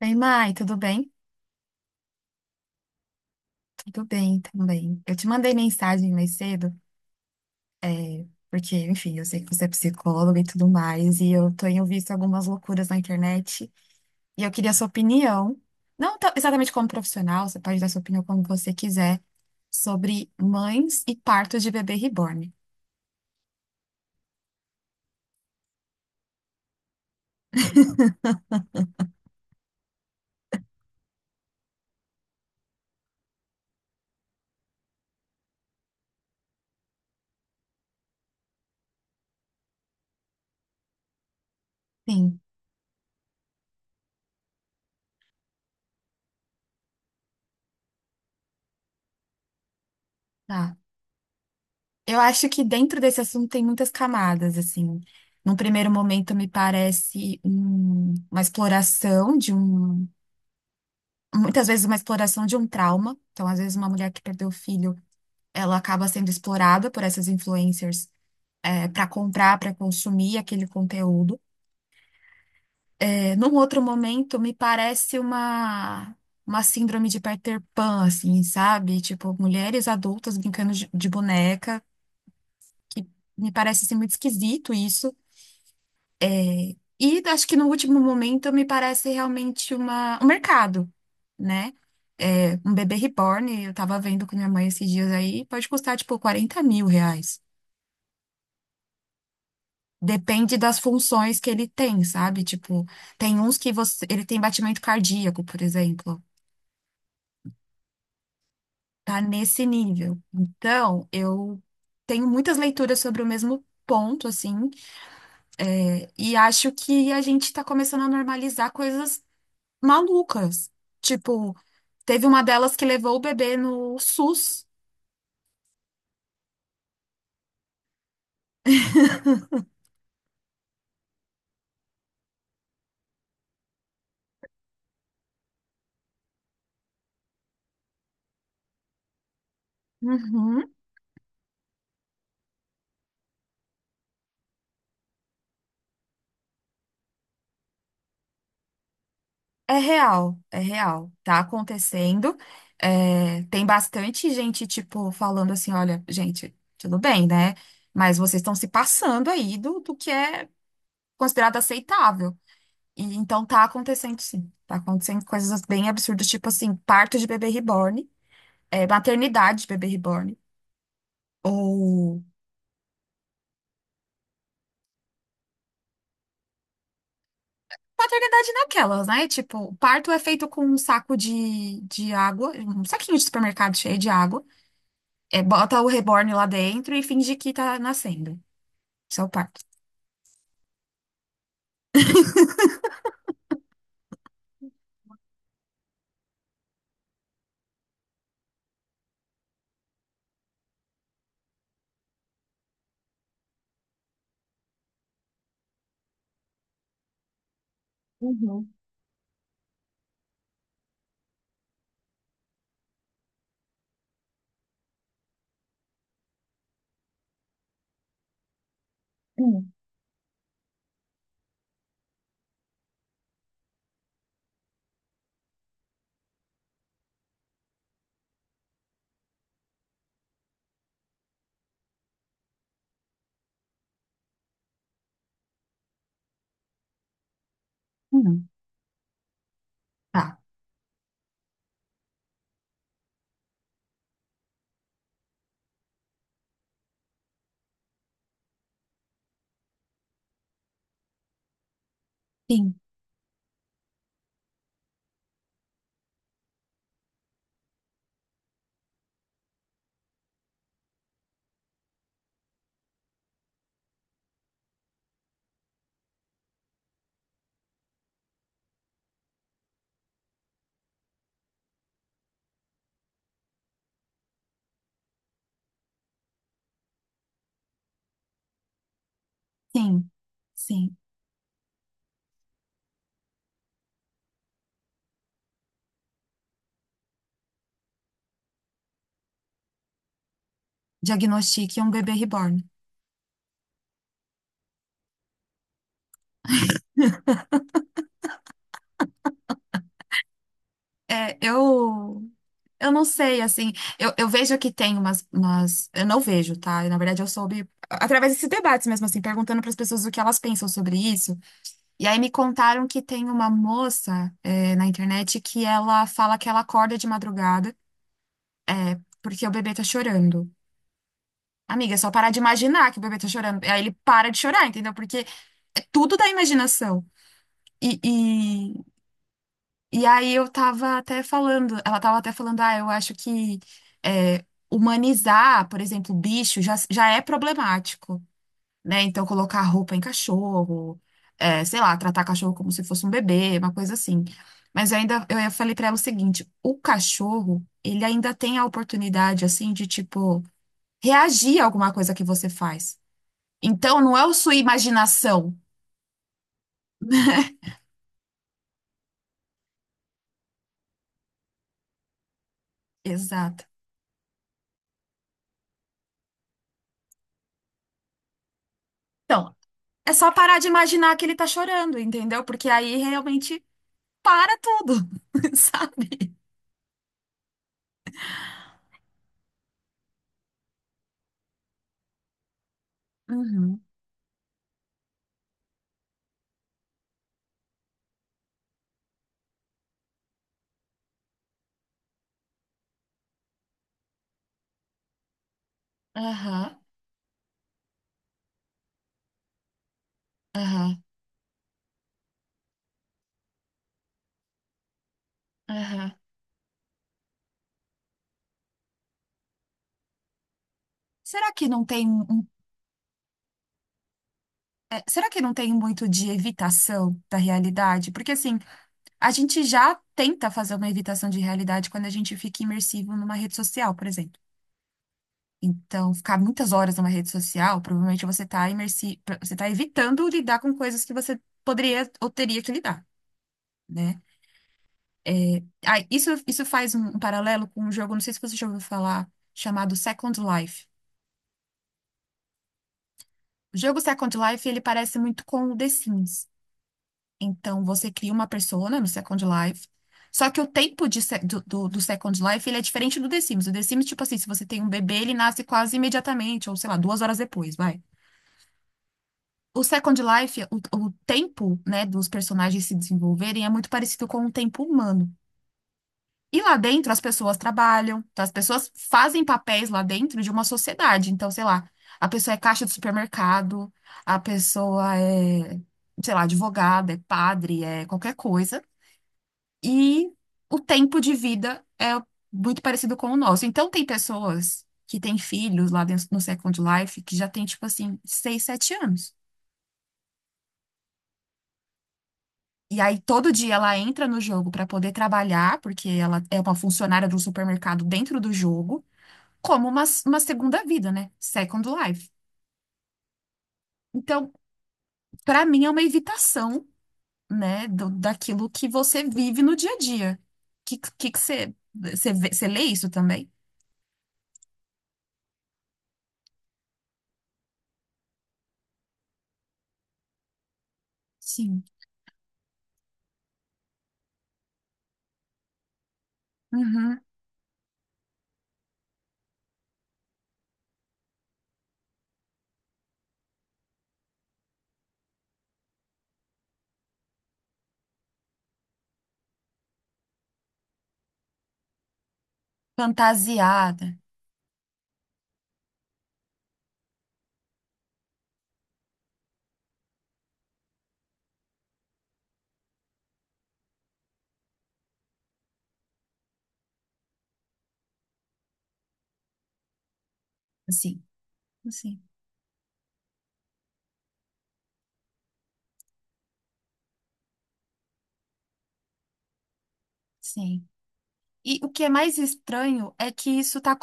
Ei, Mai, tudo bem? Tudo bem também. Eu te mandei mensagem mais cedo, porque, enfim, eu sei que você é psicóloga e tudo mais, e eu tenho visto algumas loucuras na internet, e eu queria a sua opinião, não tão- exatamente como profissional, você pode dar sua opinião como você quiser, sobre mães e partos de bebê reborn. Sim, tá. Eu acho que dentro desse assunto tem muitas camadas, assim. Num primeiro momento, uma exploração muitas vezes uma exploração de um trauma. Então, às vezes, uma mulher que perdeu o filho, ela acaba sendo explorada por essas influencers para comprar, para consumir aquele conteúdo. Num outro momento, uma síndrome de Peter Pan, assim, sabe? Tipo, mulheres adultas brincando de boneca, que me parece assim, muito esquisito isso. E acho que no último momento me parece realmente uma, um mercado, né? É, um bebê reborn, eu tava vendo com minha mãe esses dias aí, pode custar tipo 40 mil reais. Depende das funções que ele tem, sabe? Tipo, tem uns que você, ele tem batimento cardíaco, por exemplo. Tá nesse nível. Então, eu tenho muitas leituras sobre o mesmo ponto, assim, e acho que a gente tá começando a normalizar coisas malucas. Tipo, teve uma delas que levou o bebê no SUS. Uhum. É real, é real. Tá acontecendo. É, tem bastante gente, tipo, falando assim: olha, gente, tudo bem, né? Mas vocês estão se passando aí do que é considerado aceitável. E então tá acontecendo, sim. Tá acontecendo coisas bem absurdas, tipo assim, parto de bebê reborn, é, maternidade de bebê reborn. Ou maternidade naquelas, né? Tipo, o parto é feito com um saco de água, um saquinho de supermercado cheio de água. É, bota o reborn lá dentro e finge que tá nascendo. Isso é o parto. Hum. Hum. Tá. Sim, sim, sim. Diagnostique um bebê reborn. É, eu, eu não sei, assim, eu vejo que tem umas. Eu não vejo, tá? Na verdade, eu soube através desses debates mesmo, assim, perguntando para as pessoas o que elas pensam sobre isso. E aí me contaram que tem uma moça, na internet que ela fala que ela acorda de madrugada porque o bebê tá chorando. Amiga, é só parar de imaginar que o bebê tá chorando. Aí ele para de chorar, entendeu? Porque é tudo da imaginação. E, e, e aí eu tava até falando, ela tava até falando, ah, eu acho que eh, humanizar, por exemplo, bicho já é problemático. Né? Então, colocar roupa em cachorro, é, sei lá, tratar cachorro como se fosse um bebê, uma coisa assim. Mas eu ainda, eu falei pra ela o seguinte, o cachorro, ele ainda tem a oportunidade, assim, de, tipo, reagir a alguma coisa que você faz. Então, não é o sua imaginação. Exato. Então, é só parar de imaginar que ele tá chorando, entendeu? Porque aí realmente para tudo, sabe? Uhum. Aham, aham, aham. Será que não tem um É, será que não tem muito de evitação da realidade? Porque, assim, a gente já tenta fazer uma evitação de realidade quando a gente fica imersivo numa rede social, por exemplo. Então, ficar muitas horas numa rede social, provavelmente você está imersi... você está evitando lidar com coisas que você poderia ou teria que lidar, né? É, ah, isso faz um paralelo com um jogo, não sei se você já ouviu falar, chamado Second Life. O jogo Second Life, ele parece muito com o The Sims. Então, você cria uma persona no Second Life. Só que o tempo de se- do Second Life, ele é diferente do The Sims. O The Sims, tipo assim, se você tem um bebê, ele nasce quase imediatamente, ou sei lá, duas horas depois, vai. O Second Life, o tempo, né, dos personagens se desenvolverem é muito parecido com o tempo humano. E lá dentro as pessoas trabalham, então as pessoas fazem papéis lá dentro de uma sociedade. Então, sei lá, a pessoa é caixa de supermercado, a pessoa é, sei lá, advogada, é padre, é qualquer coisa. E o tempo de vida é muito parecido com o nosso. Então, tem pessoas que têm filhos lá dentro no Second Life que já tem, tipo assim, seis sete anos. E aí, todo dia ela entra no jogo para poder trabalhar, porque ela é uma funcionária do supermercado dentro do jogo, como uma segunda vida, né? Second Life. Então, para mim, é uma evitação, né, daquilo que você vive no dia a dia. Que você você vê- você lê isso também? Sim. Fantasiada, assim, assim, sim. E o que é mais estranho é que isso está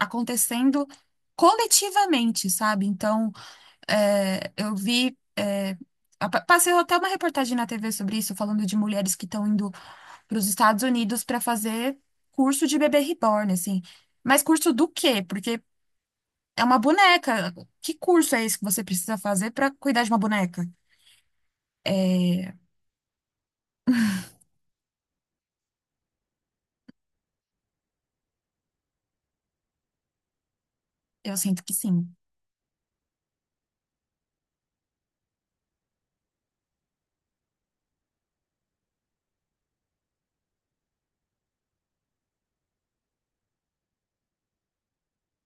acontecendo coletivamente, sabe? Então, é, eu vi. é, passei até uma reportagem na TV sobre isso, falando de mulheres que estão indo para os Estados Unidos para fazer curso de bebê reborn, assim. Mas curso do quê? Porque é uma boneca. Que curso é esse que você precisa fazer para cuidar de uma boneca? É, eu sinto que sim.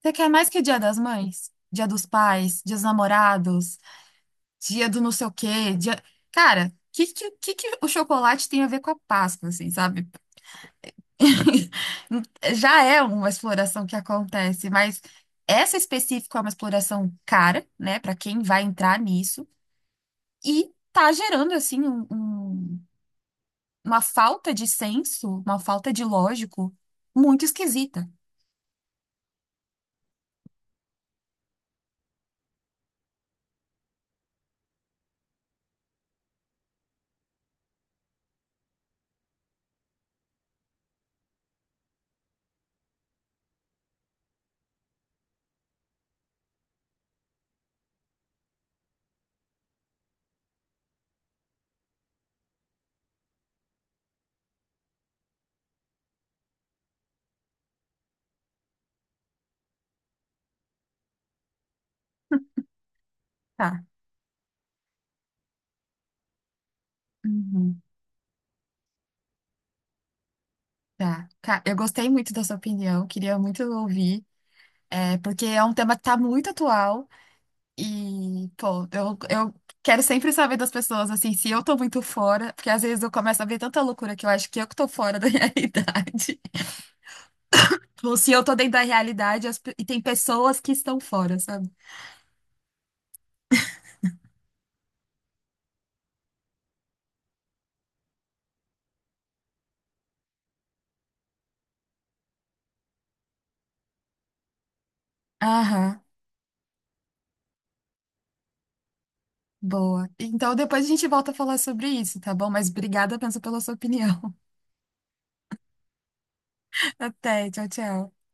Você quer mais que Dia das Mães? Dia dos Pais, Dia dos Namorados, Dia do não sei o quê, dia... Cara, o que, que o chocolate tem a ver com a Páscoa, assim, sabe? Já é uma exploração que acontece, mas essa específica é uma exploração cara, né, para quem vai entrar nisso, e tá gerando, assim, uma falta de senso, uma falta de lógico muito esquisita. Tá. Uhum. Tá. Eu gostei muito da sua opinião, queria muito ouvir. É, porque é um tema que tá muito atual eu quero sempre saber das pessoas, assim, se eu tô muito fora, porque às vezes eu começo a ver tanta loucura que eu acho que eu que tô fora da realidade. Ou se eu tô dentro da realidade e tem pessoas que estão fora, sabe? Aham, boa. Então depois a gente volta a falar sobre isso, tá bom? Mas obrigada, pensa pela sua opinião. Até, tchau, tchau.